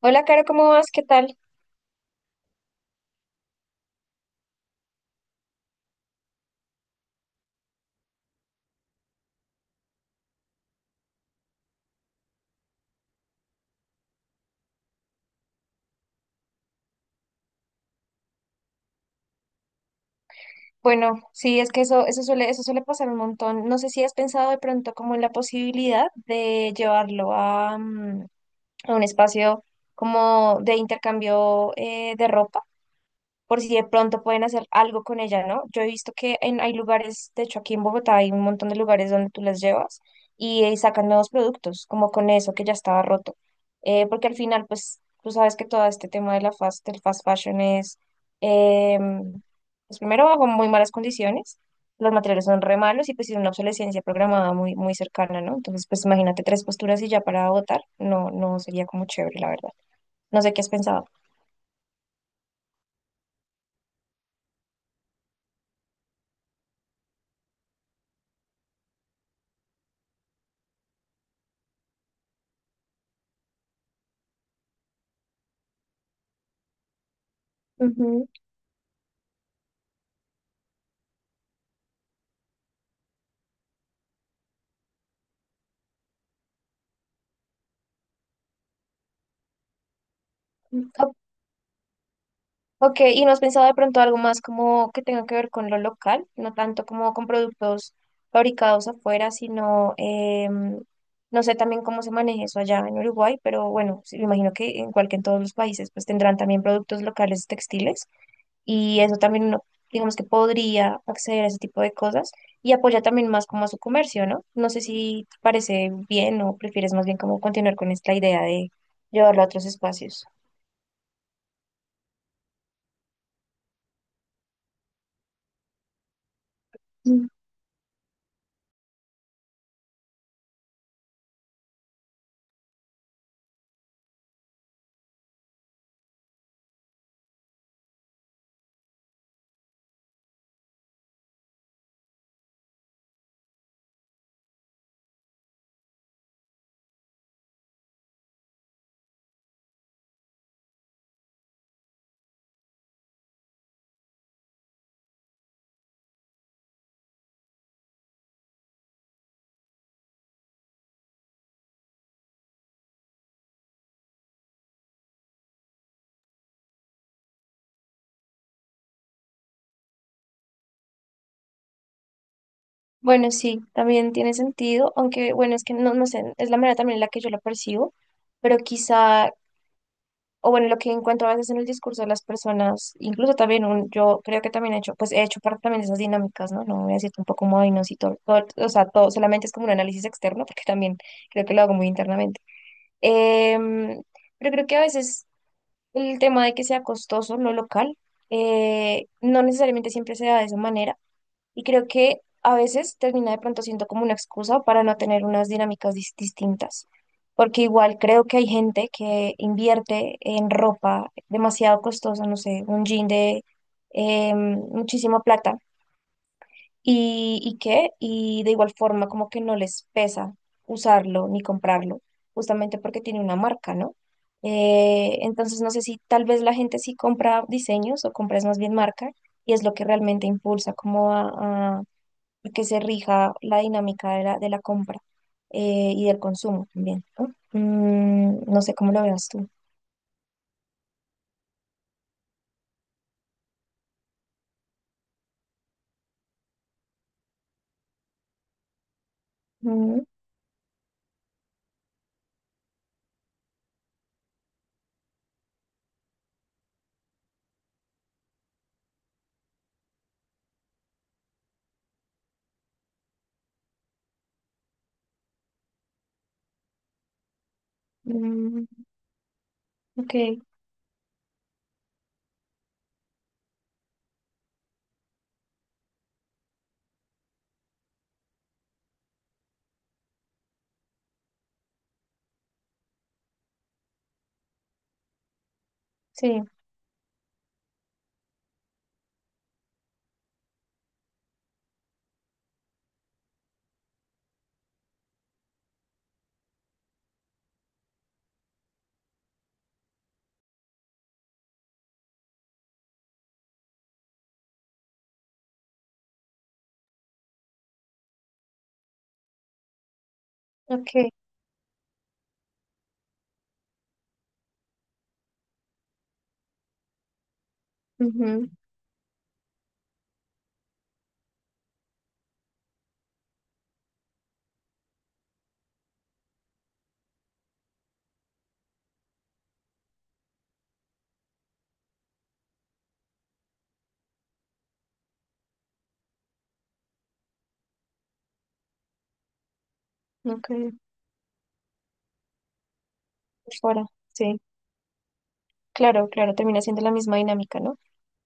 Hola, Caro, ¿cómo vas? ¿Qué tal? Bueno, sí, es que eso suele pasar un montón. No sé si has pensado de pronto como en la posibilidad de llevarlo a un espacio como de intercambio de ropa. Por si de pronto pueden hacer algo con ella, ¿no? Yo he visto que hay lugares, de hecho aquí en Bogotá hay un montón de lugares donde tú las llevas y, sacan nuevos productos, como con eso que ya estaba roto. Porque al final, pues, tú sabes que todo este tema de del fast fashion es, em, pues primero bajo muy malas condiciones, los materiales son re malos y pues tiene una obsolescencia programada muy, muy cercana, ¿no? Entonces, pues imagínate tres posturas y ya para votar, no, no sería como chévere, la verdad. No sé qué has pensado. Ujú. Ok, ¿y no has pensado de pronto algo más como que tenga que ver con lo local? No tanto como con productos fabricados afuera, sino, no sé también cómo se maneja eso allá en Uruguay, pero bueno, sí, me imagino que igual que en todos los países, pues tendrán también productos locales textiles y eso también uno, digamos que podría acceder a ese tipo de cosas y apoya también más como a su comercio, ¿no? No sé si te parece bien o prefieres más bien como continuar con esta idea de llevarlo a otros espacios. Bueno, sí, también tiene sentido, aunque bueno, es que no, no sé, es la manera también en la que yo lo percibo, pero quizá, o bueno, lo que encuentro a veces en el discurso de las personas, incluso también yo creo que también he hecho, pues he hecho parte también de esas dinámicas, ¿no? No voy a decir tampoco como, ay, no, sí, todo, o sea, todo, solamente es como un análisis externo, porque también creo que lo hago muy internamente. Em, pero creo que a veces el tema de que sea costoso, no local, no necesariamente siempre se da de esa manera y creo que a veces termina de pronto siendo como una excusa para no tener unas dinámicas distintas. Porque igual creo que hay gente que invierte en ropa demasiado costosa, no sé, un jean de muchísima plata. ¿Y qué? Y de igual forma como que no les pesa usarlo ni comprarlo, justamente porque tiene una marca, ¿no? Entonces no sé si tal vez la gente sí compra diseños o compra es más bien marca y es lo que realmente impulsa como a, porque se rija la dinámica de la compra y del consumo también, ¿no? No sé cómo lo veas tú. Mm, mm, ok, sí, ok, ujú, ok, por fuera, sí, claro, claro, termina siendo la misma dinámica, ¿no?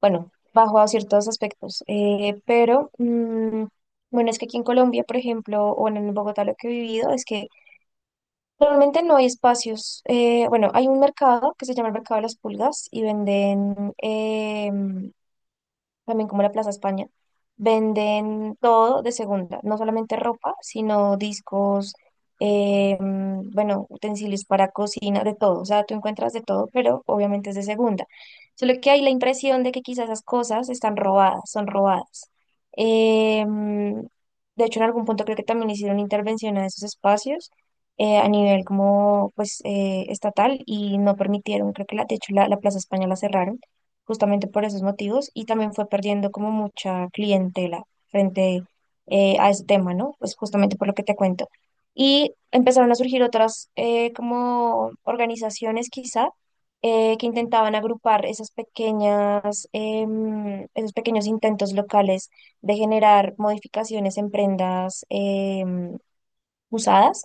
Bueno, bajo a ciertos aspectos, pero bueno, es que aquí en Colombia, por ejemplo, o en Bogotá lo que he vivido es que normalmente no hay espacios. Bueno, hay un mercado que se llama el mercado de las pulgas y venden también como la Plaza España, venden todo de segunda, no solamente ropa, sino discos, bueno, utensilios para cocina, de todo. O sea, tú encuentras de todo, pero obviamente es de segunda. Solo que hay la impresión de que quizás esas cosas están robadas, son robadas. Eh, mm, de hecho, en algún punto creo que también hicieron intervención a esos espacios. A nivel como pues estatal y no permitieron, creo que de hecho la Plaza España la cerraron justamente por esos motivos y también fue perdiendo como mucha clientela frente a ese tema, ¿no? Pues justamente por lo que te cuento. Y empezaron a surgir otras como organizaciones quizá que intentaban agrupar esas esos pequeños intentos locales de generar modificaciones en prendas usadas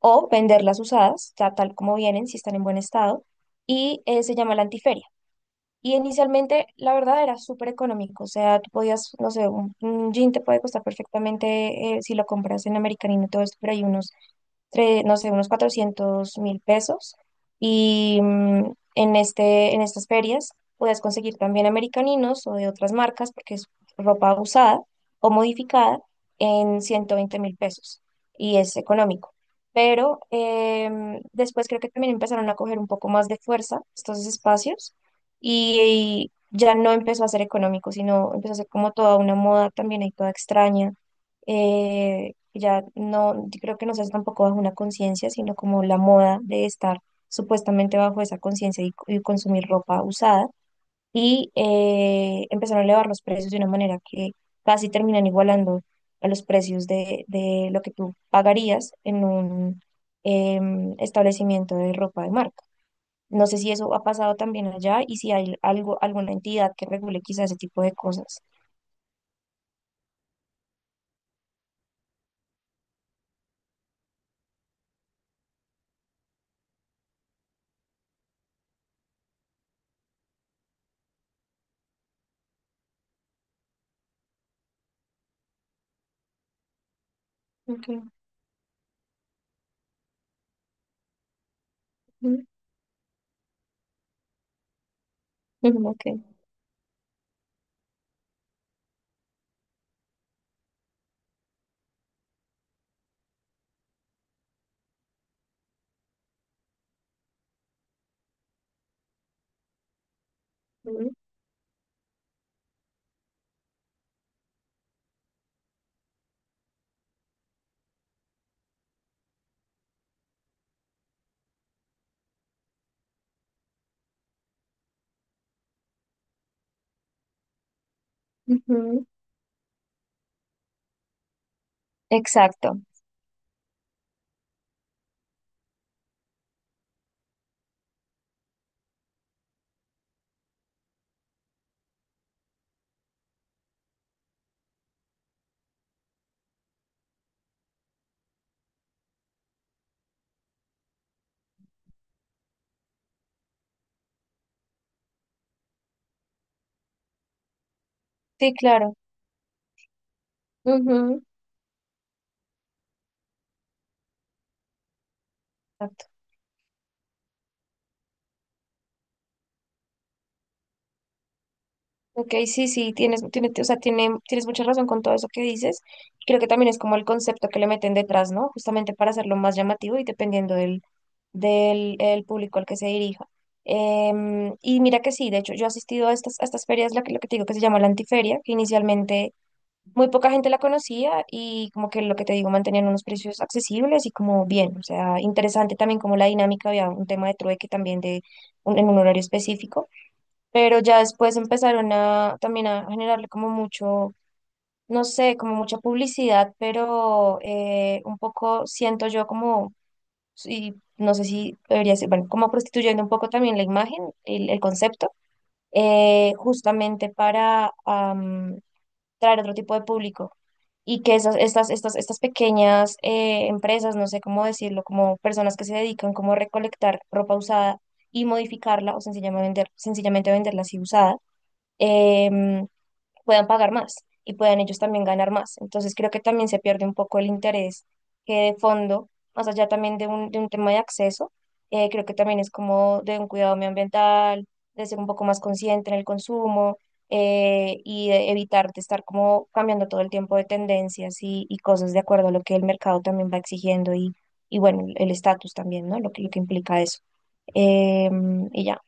o venderlas usadas, tal como vienen, si están en buen estado, y se llama la antiferia. Y inicialmente, la verdad, era súper económico. O sea, tú podías, no sé, un jean te puede costar perfectamente si lo compras en Americanino, todo esto, pero hay unos no sé, unos 400.000 pesos. Y en estas ferias puedes conseguir también americaninos o de otras marcas, porque es ropa usada o modificada en 120.000 pesos y es económico. Pero después creo que también empezaron a coger un poco más de fuerza estos espacios y, y ya no empezó a ser económico, sino empezó a ser como toda una moda también ahí toda extraña ya no, yo creo que no se hace tampoco bajo una conciencia, sino como la moda de estar supuestamente bajo esa conciencia y consumir ropa usada. Y empezaron a elevar los precios de una manera que casi terminan igualando a los precios de lo que tú pagarías en un establecimiento de ropa de marca. No sé si eso ha pasado también allá y si hay algo, alguna entidad que regule quizás ese tipo de cosas. Okay. Ujú, ujú, ok. Ujú, ujú. Exacto. Sí, claro. Ujú. Exacto. Ok, sí, sí, o sea, tienes mucha razón con todo eso que dices. Creo que también es como el concepto que le meten detrás, ¿no? Justamente para hacerlo más llamativo y dependiendo del el público al que se dirija. Y mira que sí, de hecho, yo he asistido a a estas ferias, lo que te digo que se llama la antiferia, que inicialmente muy poca gente la conocía y como que lo que te digo, mantenían unos precios accesibles y como bien, o sea, interesante también como la dinámica, había un tema de trueque también de en un horario específico, pero ya después empezaron a también a generarle como mucho, no sé, como mucha publicidad, pero un poco siento yo como, y no sé si debería ser, bueno, como prostituyendo un poco también la imagen, el concepto, justamente para... traer otro tipo de público y que estas pequeñas empresas, no sé cómo decirlo, como personas que se dedican como a recolectar ropa usada y modificarla o sencillamente venderla así usada, em, puedan pagar más y puedan ellos también ganar más. Entonces creo que también se pierde un poco el interés que de fondo, más allá también de un tema de acceso, creo que también es como de un cuidado medioambiental, de ser un poco más consciente en el consumo y de evitar de estar como cambiando todo el tiempo de tendencias y cosas de acuerdo a lo que el mercado también va exigiendo y bueno, el estatus también, ¿no? Lo que implica eso. Y ya.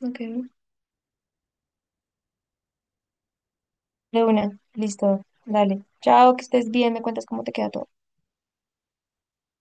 Ok. De una, listo, dale. Chao, que estés bien, me cuentas cómo te queda todo.